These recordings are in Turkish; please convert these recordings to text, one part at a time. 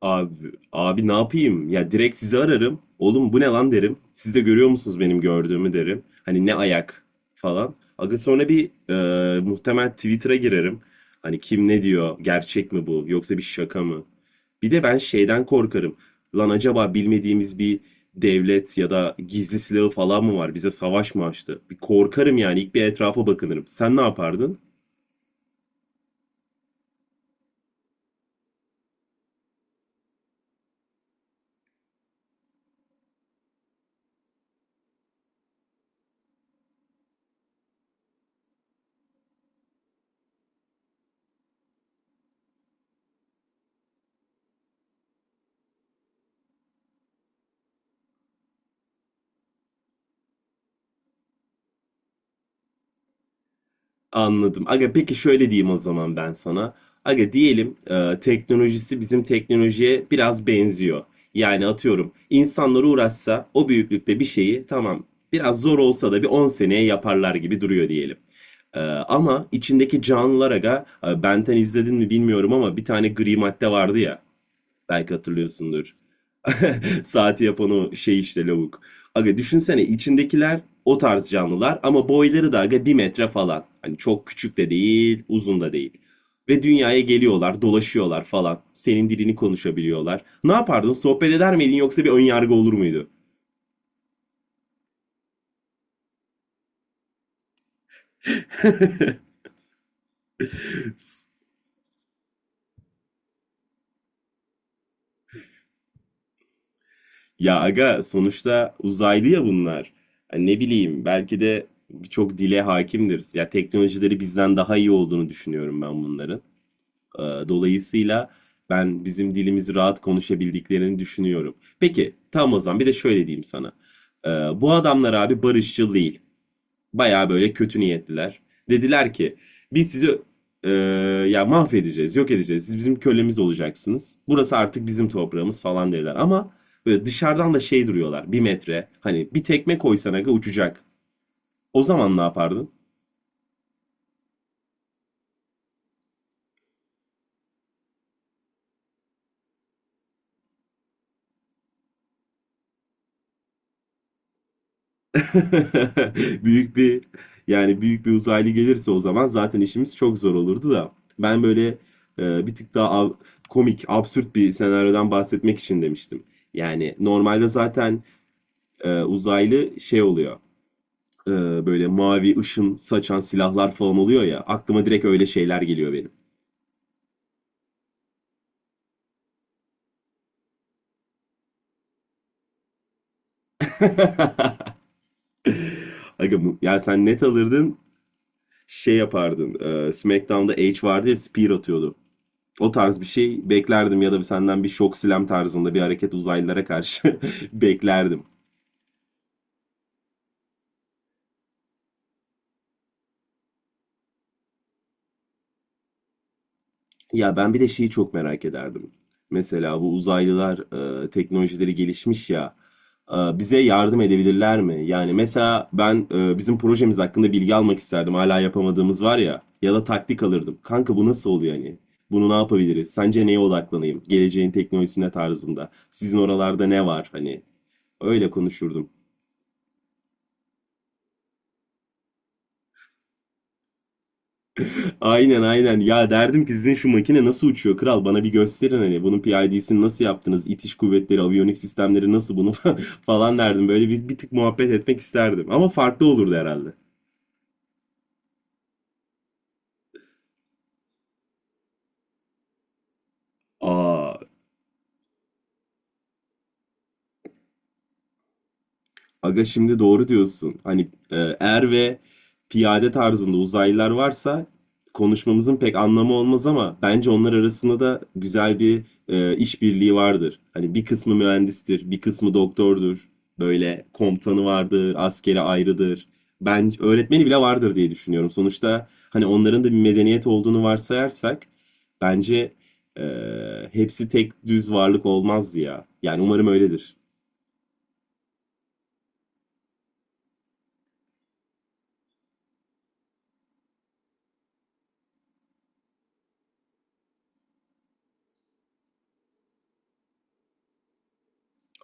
Abi, abi ne yapayım? Ya direkt sizi ararım. Oğlum bu ne lan derim. Siz de görüyor musunuz benim gördüğümü derim. Hani ne ayak falan. Aga sonra bir muhtemel Twitter'a girerim. Hani kim ne diyor? Gerçek mi bu? Yoksa bir şaka mı? Bir de ben şeyden korkarım. Lan acaba bilmediğimiz bir devlet ya da gizli silahı falan mı var? Bize savaş mı açtı? Bir korkarım yani. İlk bir etrafa bakınırım. Sen ne yapardın? Anladım. Aga peki şöyle diyeyim o zaman ben sana. Aga diyelim teknolojisi bizim teknolojiye biraz benziyor. Yani atıyorum insanlar uğraşsa o büyüklükte bir şeyi, tamam biraz zor olsa da, bir 10 seneye yaparlar gibi duruyor diyelim. Ama içindeki canlılar aga, Benten izledin mi bilmiyorum ama bir tane gri madde vardı ya, belki hatırlıyorsundur. Saati yapan o şey işte lavuk. Aga düşünsene içindekiler o tarz canlılar ama boyları da aga bir metre falan. Hani çok küçük de değil, uzun da değil. Ve dünyaya geliyorlar, dolaşıyorlar falan. Senin dilini konuşabiliyorlar. Ne yapardın? Sohbet eder miydin yoksa bir önyargı olur muydu? Ya aga sonuçta uzaylı ya bunlar. Hani ne bileyim, belki de birçok dile hakimdir. Ya, teknolojileri bizden daha iyi olduğunu düşünüyorum ben bunların. Dolayısıyla ben bizim dilimizi rahat konuşabildiklerini düşünüyorum. Peki tam o zaman bir de şöyle diyeyim sana. Ee, Bu adamlar abi barışçıl değil. Baya böyle kötü niyetliler. Dediler ki biz sizi e, ya mahvedeceğiz, yok edeceğiz. Siz bizim kölemiz olacaksınız. Burası artık bizim toprağımız falan dediler. Ama böyle dışarıdan da şey duruyorlar. Bir metre. Hani bir tekme koysan aga uçacak. O zaman ne yapardın? Büyük bir, yani büyük bir uzaylı gelirse o zaman zaten işimiz çok zor olurdu da. Ben böyle bir tık daha komik, absürt bir senaryodan bahsetmek için demiştim. Yani normalde zaten uzaylı şey oluyor. e, Böyle mavi ışın saçan silahlar falan oluyor ya. Aklıma direkt öyle şeyler geliyor benim. Aga, ya sen net alırdın, şey yapardın. SmackDown'da Edge vardı ya, spear atıyordu. O tarz bir şey beklerdim ya da senden bir şok silem tarzında bir hareket uzaylılara karşı beklerdim. Ya ben bir de şeyi çok merak ederdim. Mesela bu uzaylılar, teknolojileri gelişmiş ya, bize yardım edebilirler mi? Yani mesela ben bizim projemiz hakkında bilgi almak isterdim. Hala yapamadığımız var ya, ya da taktik alırdım. Kanka bu nasıl oluyor hani? Bunu ne yapabiliriz? Sence neye odaklanayım? Geleceğin teknolojisine tarzında. Sizin oralarda ne var? Hani öyle konuşurdum. Aynen, aynen. Ya derdim ki sizin şu makine nasıl uçuyor kral, bana bir gösterin, hani bunun PID'sini nasıl yaptınız? İtiş kuvvetleri, aviyonik sistemleri nasıl bunu falan derdim. Böyle bir tık muhabbet etmek isterdim. Ama farklı olurdu herhalde. Aa, aga şimdi doğru diyorsun. Hani er ve piyade tarzında uzaylılar varsa konuşmamızın pek anlamı olmaz, ama bence onlar arasında da güzel bir işbirliği vardır. Hani bir kısmı mühendistir, bir kısmı doktordur. Böyle komutanı vardır, askeri ayrıdır. Ben öğretmeni bile vardır diye düşünüyorum. Sonuçta hani onların da bir medeniyet olduğunu varsayarsak, bence e, hepsi tek düz varlık olmaz ya. Yani umarım öyledir.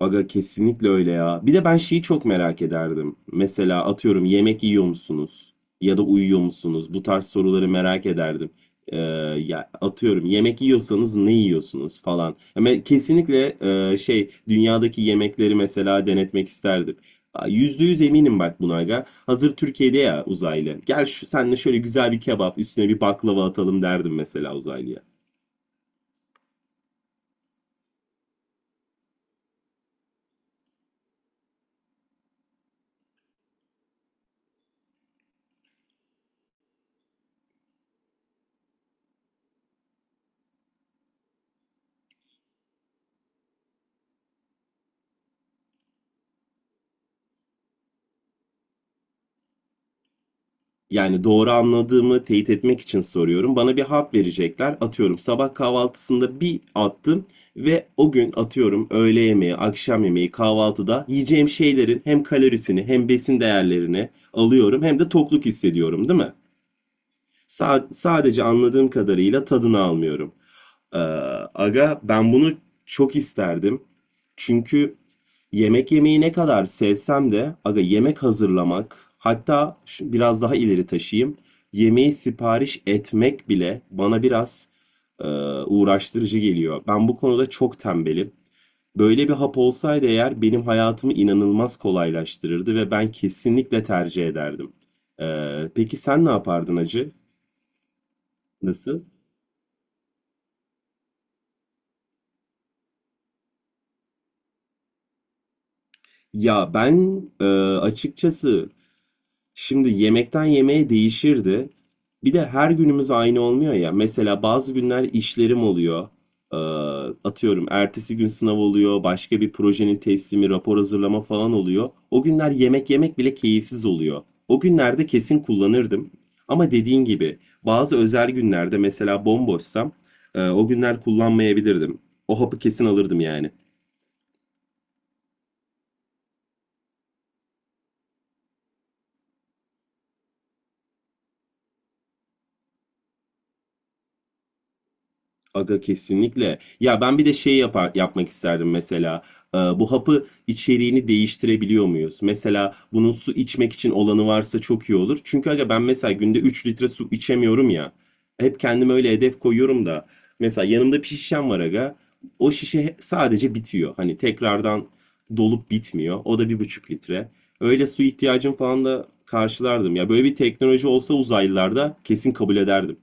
Aga kesinlikle öyle ya. Bir de ben şeyi çok merak ederdim. Mesela atıyorum yemek yiyor musunuz? Ya da uyuyor musunuz? Bu tarz soruları merak ederdim. Ee, ya atıyorum yemek yiyorsanız ne yiyorsunuz falan. Ama kesinlikle şey, dünyadaki yemekleri mesela denetmek isterdim. Aa, %100 eminim bak buna aga. Hazır Türkiye'de ya uzaylı. Gel şu senle şöyle güzel bir kebap üstüne bir baklava atalım derdim mesela uzaylıya. Yani doğru anladığımı teyit etmek için soruyorum. Bana bir hap verecekler. Atıyorum sabah kahvaltısında bir attım ve o gün, atıyorum, öğle yemeği, akşam yemeği, kahvaltıda yiyeceğim şeylerin hem kalorisini hem besin değerlerini alıyorum, hem de tokluk hissediyorum, değil mi? Sadece anladığım kadarıyla tadını almıyorum. Ee, aga ben bunu çok isterdim. Çünkü yemek yemeyi ne kadar sevsem de aga, yemek hazırlamak, hatta biraz daha ileri taşıyayım, yemeği sipariş etmek bile bana biraz e, uğraştırıcı geliyor. Ben bu konuda çok tembelim. Böyle bir hap olsaydı eğer, benim hayatımı inanılmaz kolaylaştırırdı ve ben kesinlikle tercih ederdim. Peki sen ne yapardın acı? Nasıl? Ya ben açıkçası, şimdi yemekten yemeğe değişirdi. Bir de her günümüz aynı olmuyor ya. Mesela bazı günler işlerim oluyor. Ee, atıyorum ertesi gün sınav oluyor, başka bir projenin teslimi, rapor hazırlama falan oluyor. O günler yemek yemek bile keyifsiz oluyor. O günlerde kesin kullanırdım. Ama dediğin gibi bazı özel günlerde, mesela bomboşsam, o günler kullanmayabilirdim. O hapı kesin alırdım yani. Aga kesinlikle. Ya ben bir de şey yapmak isterdim mesela. Bu hapı içeriğini değiştirebiliyor muyuz? Mesela bunun su içmek için olanı varsa çok iyi olur. Çünkü aga ben mesela günde 3 litre su içemiyorum ya. Hep kendime öyle hedef koyuyorum da. Mesela yanımda bir şişem var aga. O şişe sadece bitiyor. Hani tekrardan dolup bitmiyor. O da 1,5 litre. Öyle su ihtiyacım falan da karşılardım. Ya böyle bir teknoloji olsa uzaylılarda, kesin kabul ederdim.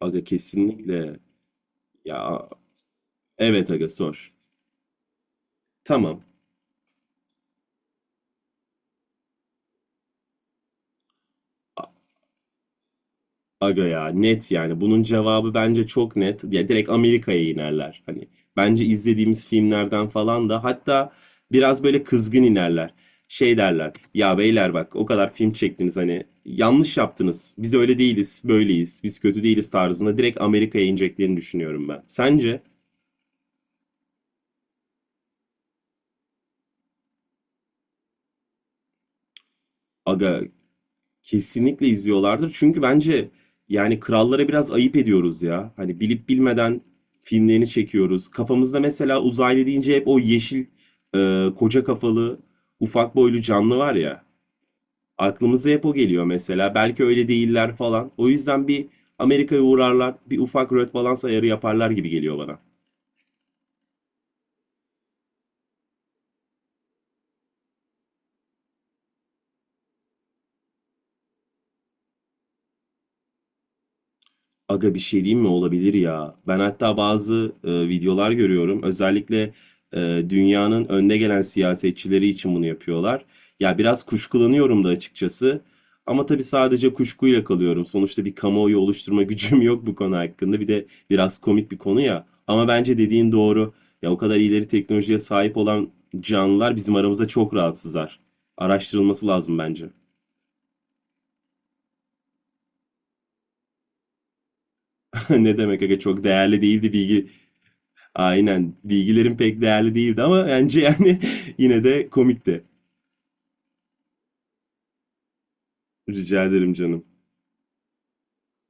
Aga kesinlikle. Ya, evet aga sor. Tamam. A- Aga ya net yani. Bunun cevabı bence çok net. Ya direkt Amerika'ya inerler. Hani bence izlediğimiz filmlerden falan da, hatta biraz böyle kızgın inerler. Şey derler. Ya beyler bak, o kadar film çektiniz, hani yanlış yaptınız. Biz öyle değiliz, böyleyiz. Biz kötü değiliz tarzında direkt Amerika'ya ineceklerini düşünüyorum ben. Sence? Aga, kesinlikle izliyorlardır. Çünkü bence, yani krallara biraz ayıp ediyoruz ya. Hani bilip bilmeden filmlerini çekiyoruz. Kafamızda mesela uzaylı deyince hep o yeşil, koca kafalı, ufak boylu canlı var ya. Aklımıza hep o geliyor mesela. Belki öyle değiller falan. O yüzden bir Amerika'ya uğrarlar, bir ufak röt balans ayarı yaparlar gibi geliyor bana. Aga bir şey diyeyim mi? Olabilir ya. Ben hatta bazı videolar görüyorum. Özellikle e, dünyanın önde gelen siyasetçileri için bunu yapıyorlar. Ya biraz kuşkulanıyorum da açıkçası. Ama tabii sadece kuşkuyla kalıyorum. Sonuçta bir kamuoyu oluşturma gücüm yok bu konu hakkında. Bir de biraz komik bir konu ya. Ama bence dediğin doğru. Ya o kadar ileri teknolojiye sahip olan canlılar bizim aramızda çok rahatsızlar. Araştırılması lazım bence. Ne demek aga, çok değerli değildi bilgi. Aynen. Bilgilerim pek değerli değildi ama bence yani yine de komikti. Rica ederim canım.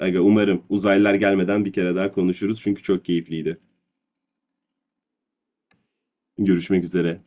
Aga umarım uzaylılar gelmeden bir kere daha konuşuruz çünkü çok keyifliydi. Görüşmek üzere.